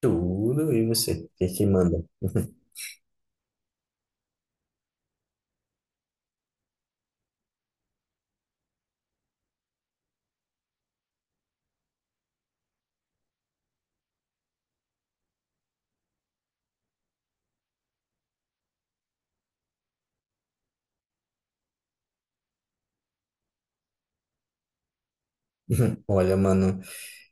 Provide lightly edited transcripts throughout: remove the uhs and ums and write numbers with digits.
Tudo, e você? O que que manda? Olha, mano.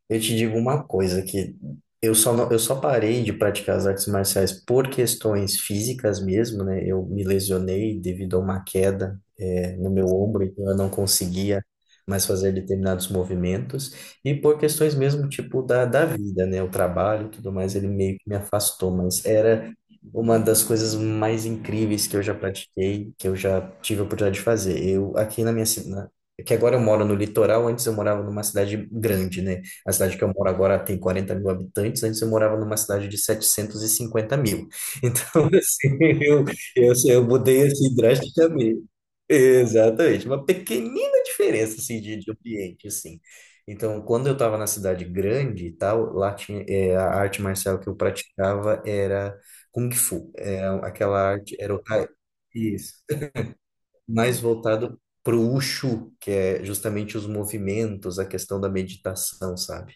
Eu te digo uma coisa que eu só não- eu só parei de praticar as artes marciais por questões físicas mesmo, né? Eu me lesionei devido a uma queda, no meu ombro, então eu não conseguia mais fazer determinados movimentos e por questões mesmo tipo da vida, né? O trabalho e tudo mais, ele meio que me afastou, mas era uma das coisas mais incríveis que eu já pratiquei, que eu já tive a oportunidade de fazer. Eu aqui na minha cidade, que agora eu moro no litoral, antes eu morava numa cidade grande, né? A cidade que eu moro agora tem 40 mil habitantes, antes eu morava numa cidade de 750 mil. Então, assim, eu mudei assim drasticamente. Exatamente, uma pequenina diferença assim, de ambiente, assim. Então, quando eu estava na cidade grande e tal, lá tinha, é, a arte marcial que eu praticava era Kung Fu. É, aquela arte era o tai, isso. Mais voltado para o Wushu, que é justamente os movimentos, a questão da meditação, sabe?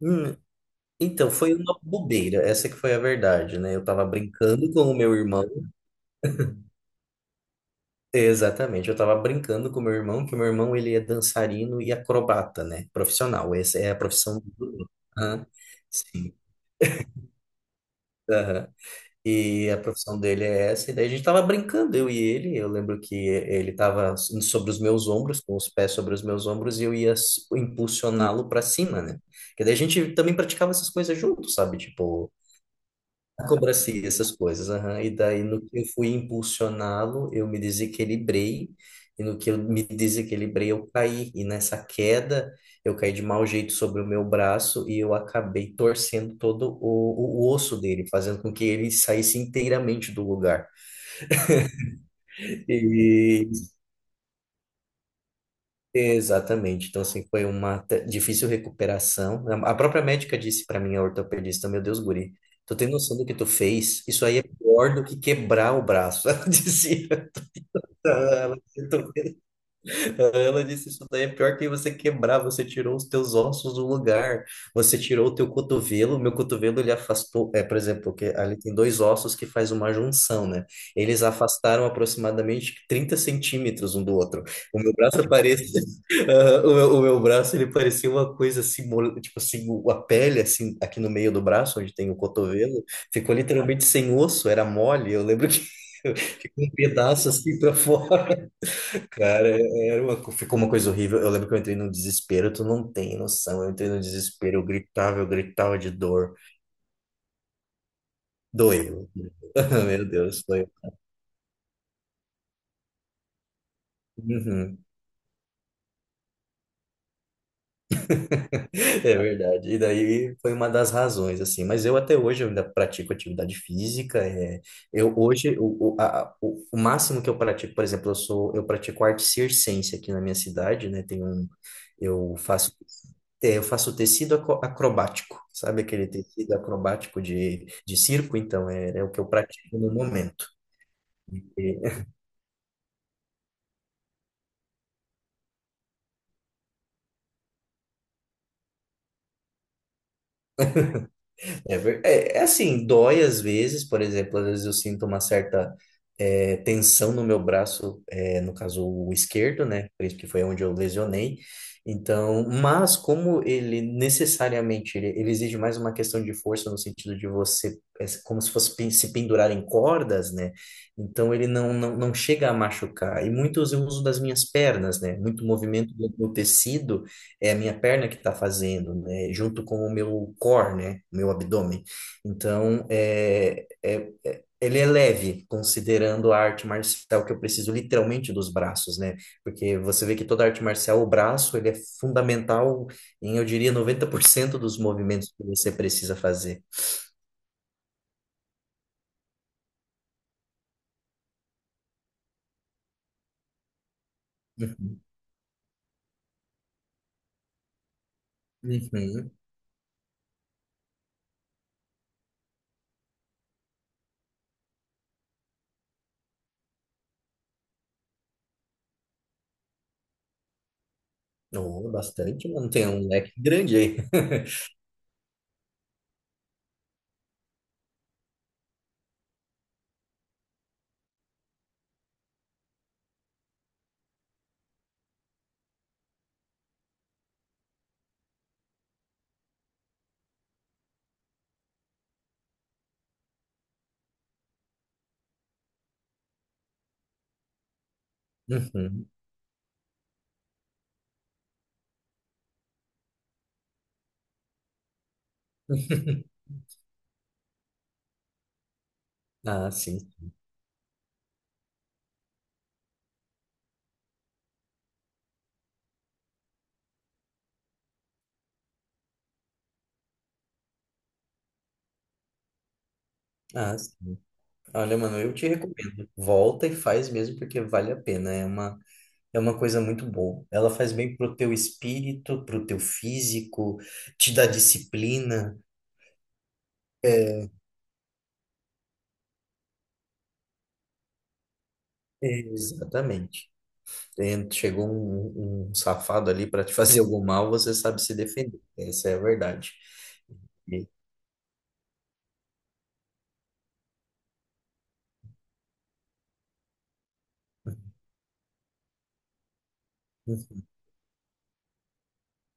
Hum, Então, foi uma bobeira, essa que foi a verdade, né? Eu tava brincando com o meu irmão, exatamente, eu tava brincando com o meu irmão, que o meu irmão, ele é dançarino e acrobata, né? Profissional, essa é a profissão do... Aham. Sim, aham. E a profissão dele é essa, e daí a gente tava brincando, eu e ele, eu lembro que ele tava sobre os meus ombros, com os pés sobre os meus ombros, e eu ia impulsioná-lo para cima, né? Que daí a gente também praticava essas coisas juntos, sabe? Tipo, acrobacia, essas coisas. Aham. E daí, no que eu fui impulsioná-lo, eu me desequilibrei, e no que eu me desequilibrei, eu caí. E nessa queda, eu caí de mau jeito sobre o meu braço e eu acabei torcendo todo o osso dele, fazendo com que ele saísse inteiramente do lugar. E, exatamente. Então, assim, foi uma difícil recuperação. A própria médica disse para mim, a ortopedista, meu Deus, guri, tu tem noção do que tu fez? Isso aí é pior do que quebrar o braço, ela dizia. Ela, tentou- ela disse, isso daí é pior que você quebrar, você tirou os teus ossos do lugar, você tirou o teu cotovelo, meu cotovelo ele afastou, é, por exemplo, que ali tem dois ossos que faz uma junção, né? Eles afastaram aproximadamente 30 centímetros um do outro. O meu braço parecia, ah, o meu braço ele parecia uma coisa assim, tipo assim, a pele assim, aqui no meio do braço, onde tem o cotovelo, ficou literalmente sem osso, era mole, eu lembro que ficou um pedaço assim para fora. Cara, ficou uma coisa horrível. Eu lembro que eu entrei num desespero, tu não tem noção. Eu entrei num desespero, eu gritava de dor. Doeu. Meu Deus, foi. Uhum. É verdade. E daí foi uma das razões, assim. Mas eu até hoje eu ainda pratico atividade física. É, eu hoje o, a- o máximo que eu pratico, por exemplo, eu pratico arte circense aqui na minha cidade, né? Tem um eu faço eu faço tecido acrobático, sabe aquele tecido acrobático de circo? Então é o que eu pratico no momento. É, é assim, dói às vezes, por exemplo, às vezes eu sinto uma certa tensão no meu braço, no caso o esquerdo, né? Por isso que foi onde eu lesionei. Então, mas como ele necessariamente ele exige mais uma questão de força no sentido de você, é como se fosse se pendurar em cordas, né? Então ele não, não, não chega a machucar. E muitos eu uso das minhas pernas, né? Muito movimento do tecido é a minha perna que está fazendo, né? Junto com o meu core, né? O meu abdômen. Então, ele é leve, considerando a arte marcial que eu preciso literalmente dos braços, né? Porque você vê que toda arte marcial, o braço, ele é fundamental em, eu diria, 90% dos movimentos que você precisa fazer. Uhum. Uhum. Oh, bastante, mano. Tem um leque grande aí. Uhum. Ah, sim. Ah, sim. Olha, mano, eu te recomendo. Volta e faz mesmo, porque vale a pena. É uma coisa muito boa. Ela faz bem pro teu espírito, pro teu físico, te dá disciplina. É, Exatamente. Chegou um safado ali para te fazer algum mal, você sabe se defender. Essa é a verdade. E-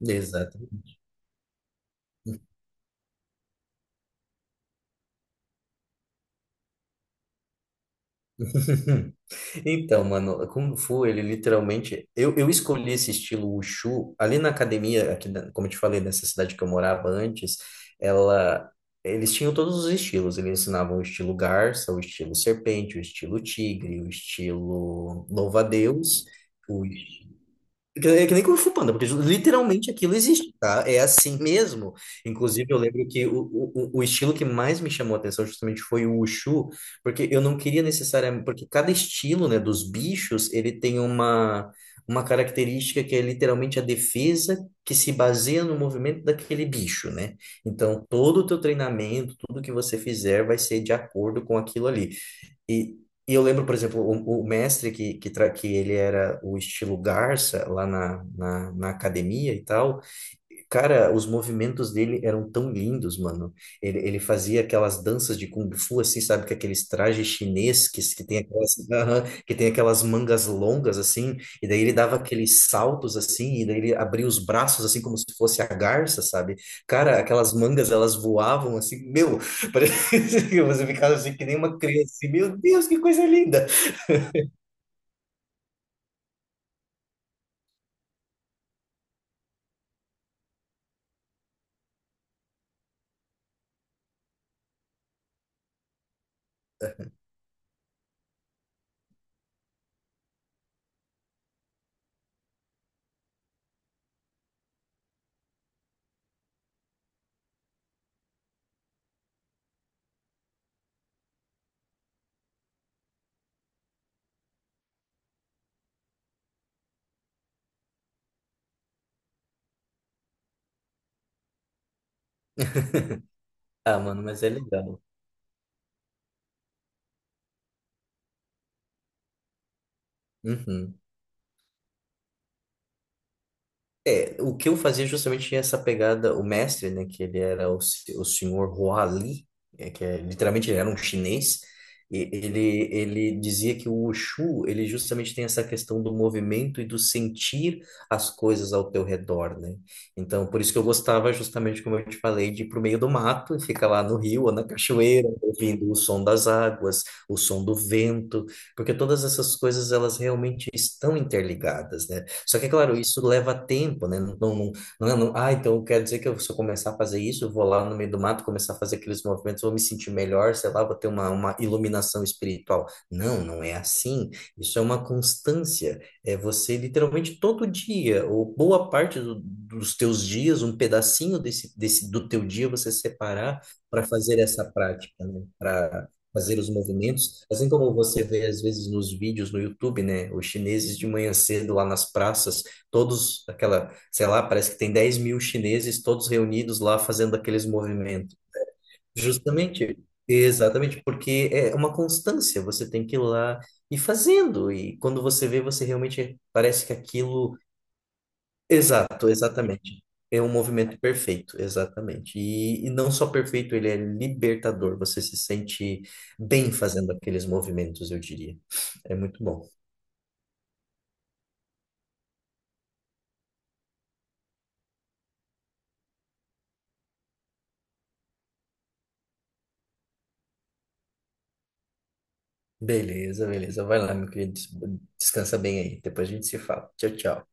Exato. Então, mano, Kung Fu, ele literalmente. Eu escolhi esse estilo Wushu ali na academia, aqui, como eu te falei, nessa cidade que eu morava antes, ela. Eles tinham todos os estilos. Eles ensinavam o estilo garça, o estilo serpente, o estilo tigre, o estilo louva-a-Deus, é que nem Kung Fu Panda, porque literalmente aquilo existe, tá? É assim mesmo. Inclusive, eu lembro que o estilo que mais me chamou a atenção justamente foi o Wushu, porque eu não queria necessariamente. Porque cada estilo, né, dos bichos, ele tem uma característica que é literalmente a defesa que se baseia no movimento daquele bicho, né? Então, todo o teu treinamento, tudo que você fizer vai ser de acordo com aquilo ali. E, e eu lembro, por exemplo, o mestre que ele era o estilo Garça lá na academia e tal, cara, os movimentos dele eram tão lindos, mano. Ele fazia aquelas danças de Kung Fu, assim, sabe? Com aqueles trajes chineses que tem aquelas, aham, que tem aquelas mangas longas, assim. E daí ele dava aqueles saltos, assim. E daí ele abria os braços, assim, como se fosse a garça, sabe? Cara, aquelas mangas, elas voavam, assim. Meu, parecia que você ficava assim, que nem uma criança. Assim, meu Deus, que coisa linda! Ah, mano, mas é legal. Uhum. É, o que eu fazia justamente tinha essa pegada, o mestre, né, que ele era o, se- o senhor Huali, que é, literalmente ele era um chinês, e ele dizia que o Wushu, ele justamente tem essa questão do movimento e do sentir as coisas ao teu redor, né? Então, por isso que eu gostava justamente, como eu te falei, de ir pro meio do mato e ficar lá no rio ou na cachoeira, ouvindo o som das águas, o som do vento, porque todas essas coisas, elas realmente estão interligadas, né? Só que, é claro, isso leva tempo, né? Não, não, não, ah, então quer dizer que eu, se eu começar a fazer isso, eu vou lá no meio do mato começar a fazer aqueles movimentos, vou me sentir melhor, sei lá, vou ter uma iluminação espiritual. Não, não é assim. Isso é uma constância. É você literalmente todo dia, ou boa parte dos teus dias, um pedacinho desse do teu dia você separar para fazer essa prática, né? Fazer os movimentos. Assim como você vê às vezes nos vídeos no YouTube, né? Os chineses de manhã cedo lá nas praças, todos aquela, sei lá, parece que tem 10 mil chineses todos reunidos lá fazendo aqueles movimentos. Justamente, exatamente, porque é uma constância, você tem que ir lá e fazendo. E quando você vê, você realmente parece que aquilo. Exato, exatamente. É um movimento perfeito, exatamente. E não só perfeito, ele é libertador. Você se sente bem fazendo aqueles movimentos, eu diria. É muito bom. Beleza, beleza. Vai lá, meu querido. Descansa bem aí. Depois a gente se fala. Tchau, tchau.